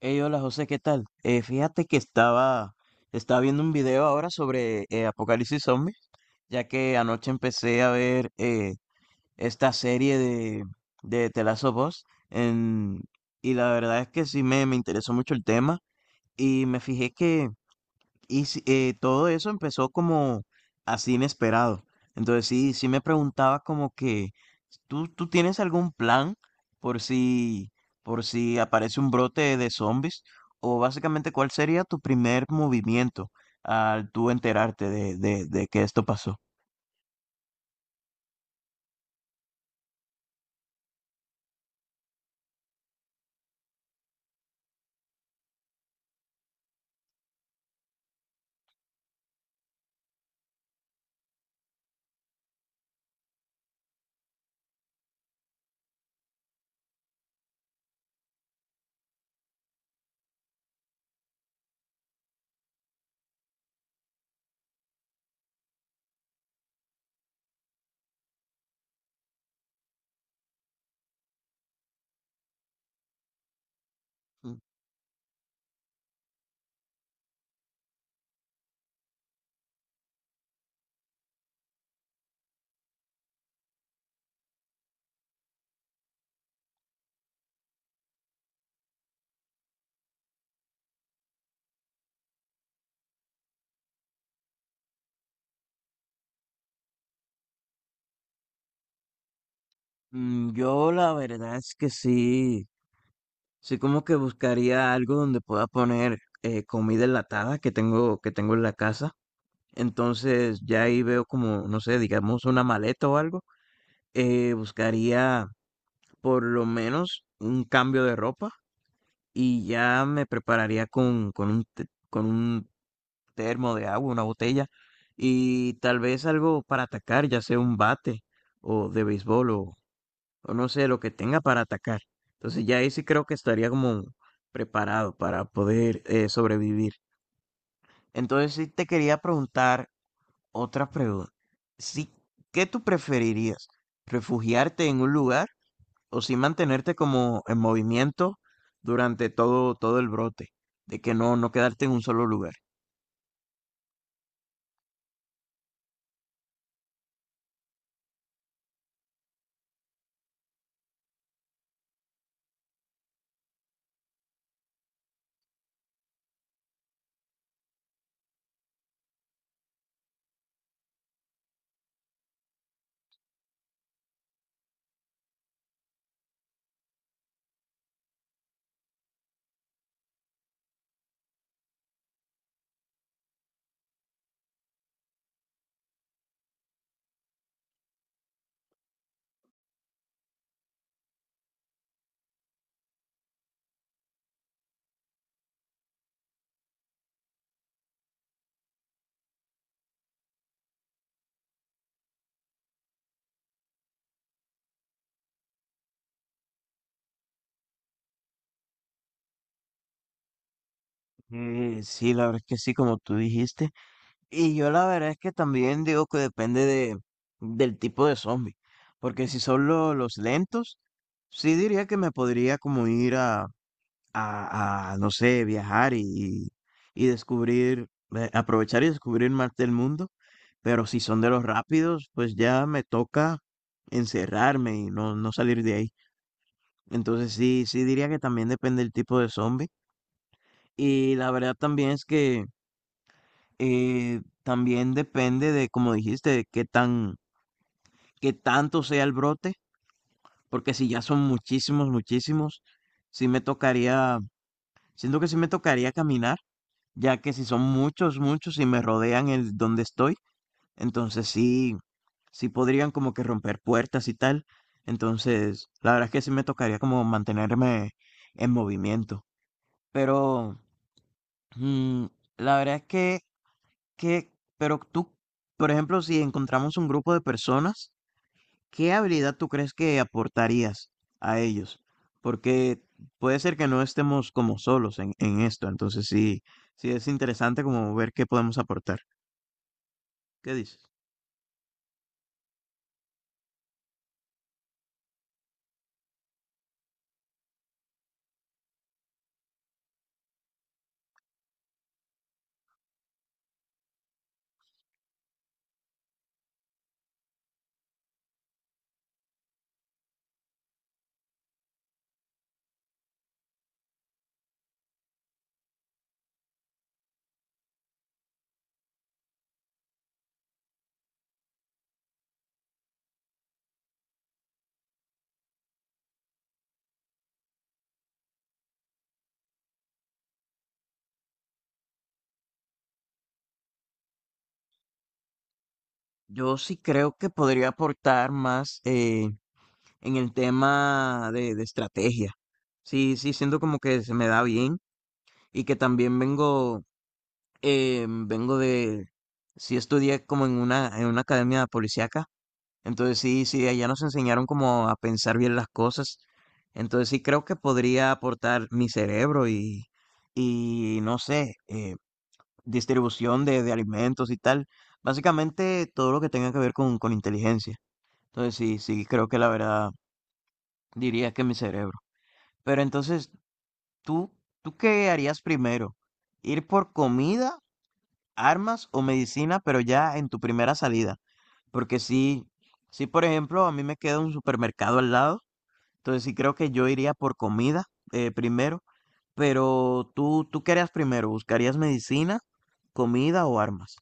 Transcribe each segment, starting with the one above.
Hey, hola José, ¿qué tal? Fíjate que estaba viendo un video ahora sobre Apocalipsis Zombie, ya que anoche empecé a ver esta serie de The Last of Us, en- y la verdad es que sí me interesó mucho el tema y me fijé que y sí, todo eso empezó como así inesperado. Entonces sí, sí me preguntaba como que, ¿tú tienes algún plan por si, por si aparece un brote de zombies? O básicamente, ¿cuál sería tu primer movimiento al tú enterarte de, de que esto pasó? Mm, Yo la verdad es que sí, sí como que buscaría algo donde pueda poner comida enlatada que tengo, en la casa. Entonces ya ahí veo como, no sé, digamos una maleta o algo. Buscaría por lo menos un cambio de ropa y ya me prepararía con con un termo de agua, una botella y tal vez algo para atacar, ya sea un bate o de béisbol o no sé, lo que tenga para atacar. Entonces ya ahí sí creo que estaría como preparado para poder sobrevivir. Entonces sí te quería preguntar. Otra pregunta. Sí, ¿qué tú preferirías? ¿Refugiarte en un lugar o sí mantenerte como en movimiento durante todo el brote? De que no, no quedarte en un solo lugar. Sí, la verdad es que sí, como tú dijiste. Y yo la verdad es que también digo que depende del tipo de zombie. Porque si son los lentos, sí diría que me podría como ir a, no sé, viajar y descubrir, aprovechar y descubrir más del mundo, pero si son de los rápidos, pues ya me toca encerrarme y no, no salir de ahí. Entonces sí, sí diría que también depende el tipo de zombie. Y la verdad también es que también depende de, como dijiste, de qué tanto sea el brote, porque si ya son muchísimos, muchísimos, sí me tocaría, siento que sí me tocaría caminar ya que si son muchos, muchos y me rodean el donde estoy, entonces sí, sí podrían como que romper puertas y tal. Entonces, la verdad es que sí me tocaría como mantenerme en movimiento. Pero, mm, la verdad es que, que, pero tú, por ejemplo, si encontramos un grupo de personas, ¿qué habilidad tú crees que aportarías a ellos? Porque puede ser que no estemos como solos en esto, entonces sí, sí es interesante como ver qué podemos aportar. ¿Qué dices? Yo sí creo que podría aportar más en el tema de estrategia. Sí, sí, siento como que se me da bien y que también eh, vengo de, sí estudié como en en una academia policíaca, entonces sí, sí, allá nos enseñaron como a pensar bien las cosas, entonces sí creo que podría aportar mi cerebro y no sé, distribución de alimentos y tal. Básicamente todo lo que tenga que ver con inteligencia. Entonces sí, sí, creo que la verdad diría que mi cerebro. Pero entonces, ¿tú, tú qué harías primero? ¿Ir por comida, armas o medicina, pero ya en tu primera salida? Porque sí, sí, por ejemplo, a mí me queda un supermercado al lado. Entonces sí creo que yo iría por comida primero. Pero ¿tú qué harías primero? ¿Buscarías medicina, comida o armas?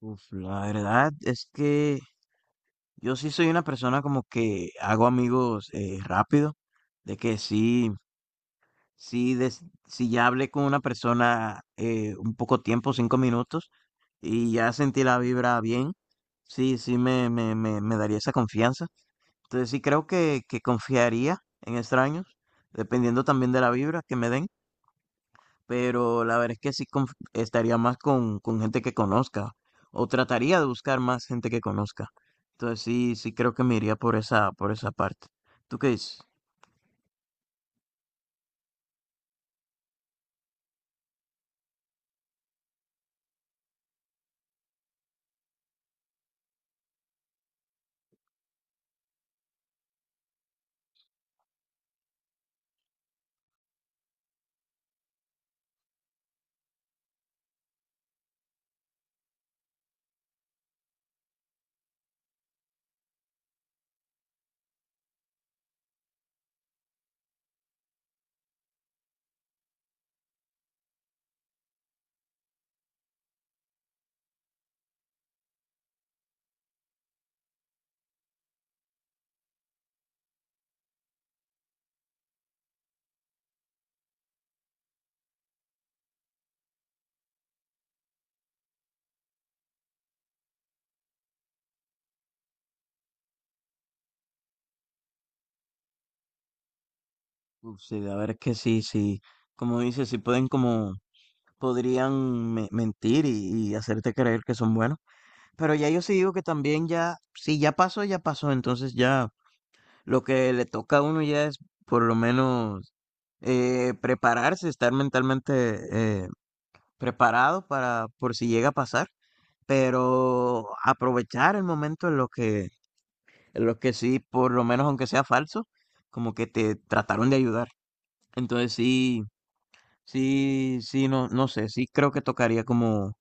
Uf, la verdad es que yo sí soy una persona como que hago amigos rápido, de que sí, sí, si ya hablé con una persona un poco tiempo, 5 minutos, y ya sentí la vibra bien, sí, sí me daría esa confianza. Entonces sí creo que confiaría en extraños, dependiendo también de la vibra que me den, pero la verdad es que sí estaría más con gente que conozca o trataría de buscar más gente que conozca. Entonces sí, sí creo que me iría por esa parte. ¿Tú qué dices? Uf, sí, la verdad es que sí, sí, como dices, sí pueden como, podrían mentir y hacerte creer que son buenos, pero ya yo sí digo que también ya, si ya pasó, ya pasó, entonces ya lo que le toca a uno ya es por lo menos prepararse, estar mentalmente eh, preparado para por si llega a pasar, pero aprovechar el momento en lo que sí, por lo menos aunque sea falso, como que te trataron de ayudar. Entonces sí, sí, sí, no, no sé, sí creo que tocaría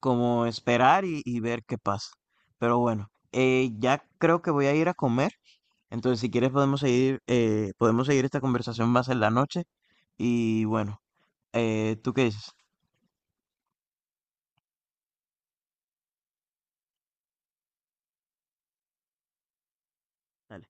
como esperar y ver qué pasa. Pero bueno, ya creo que voy a ir a comer. Entonces, si quieres podemos seguir esta conversación más en la noche. Y bueno, ¿tú qué dices? Dale.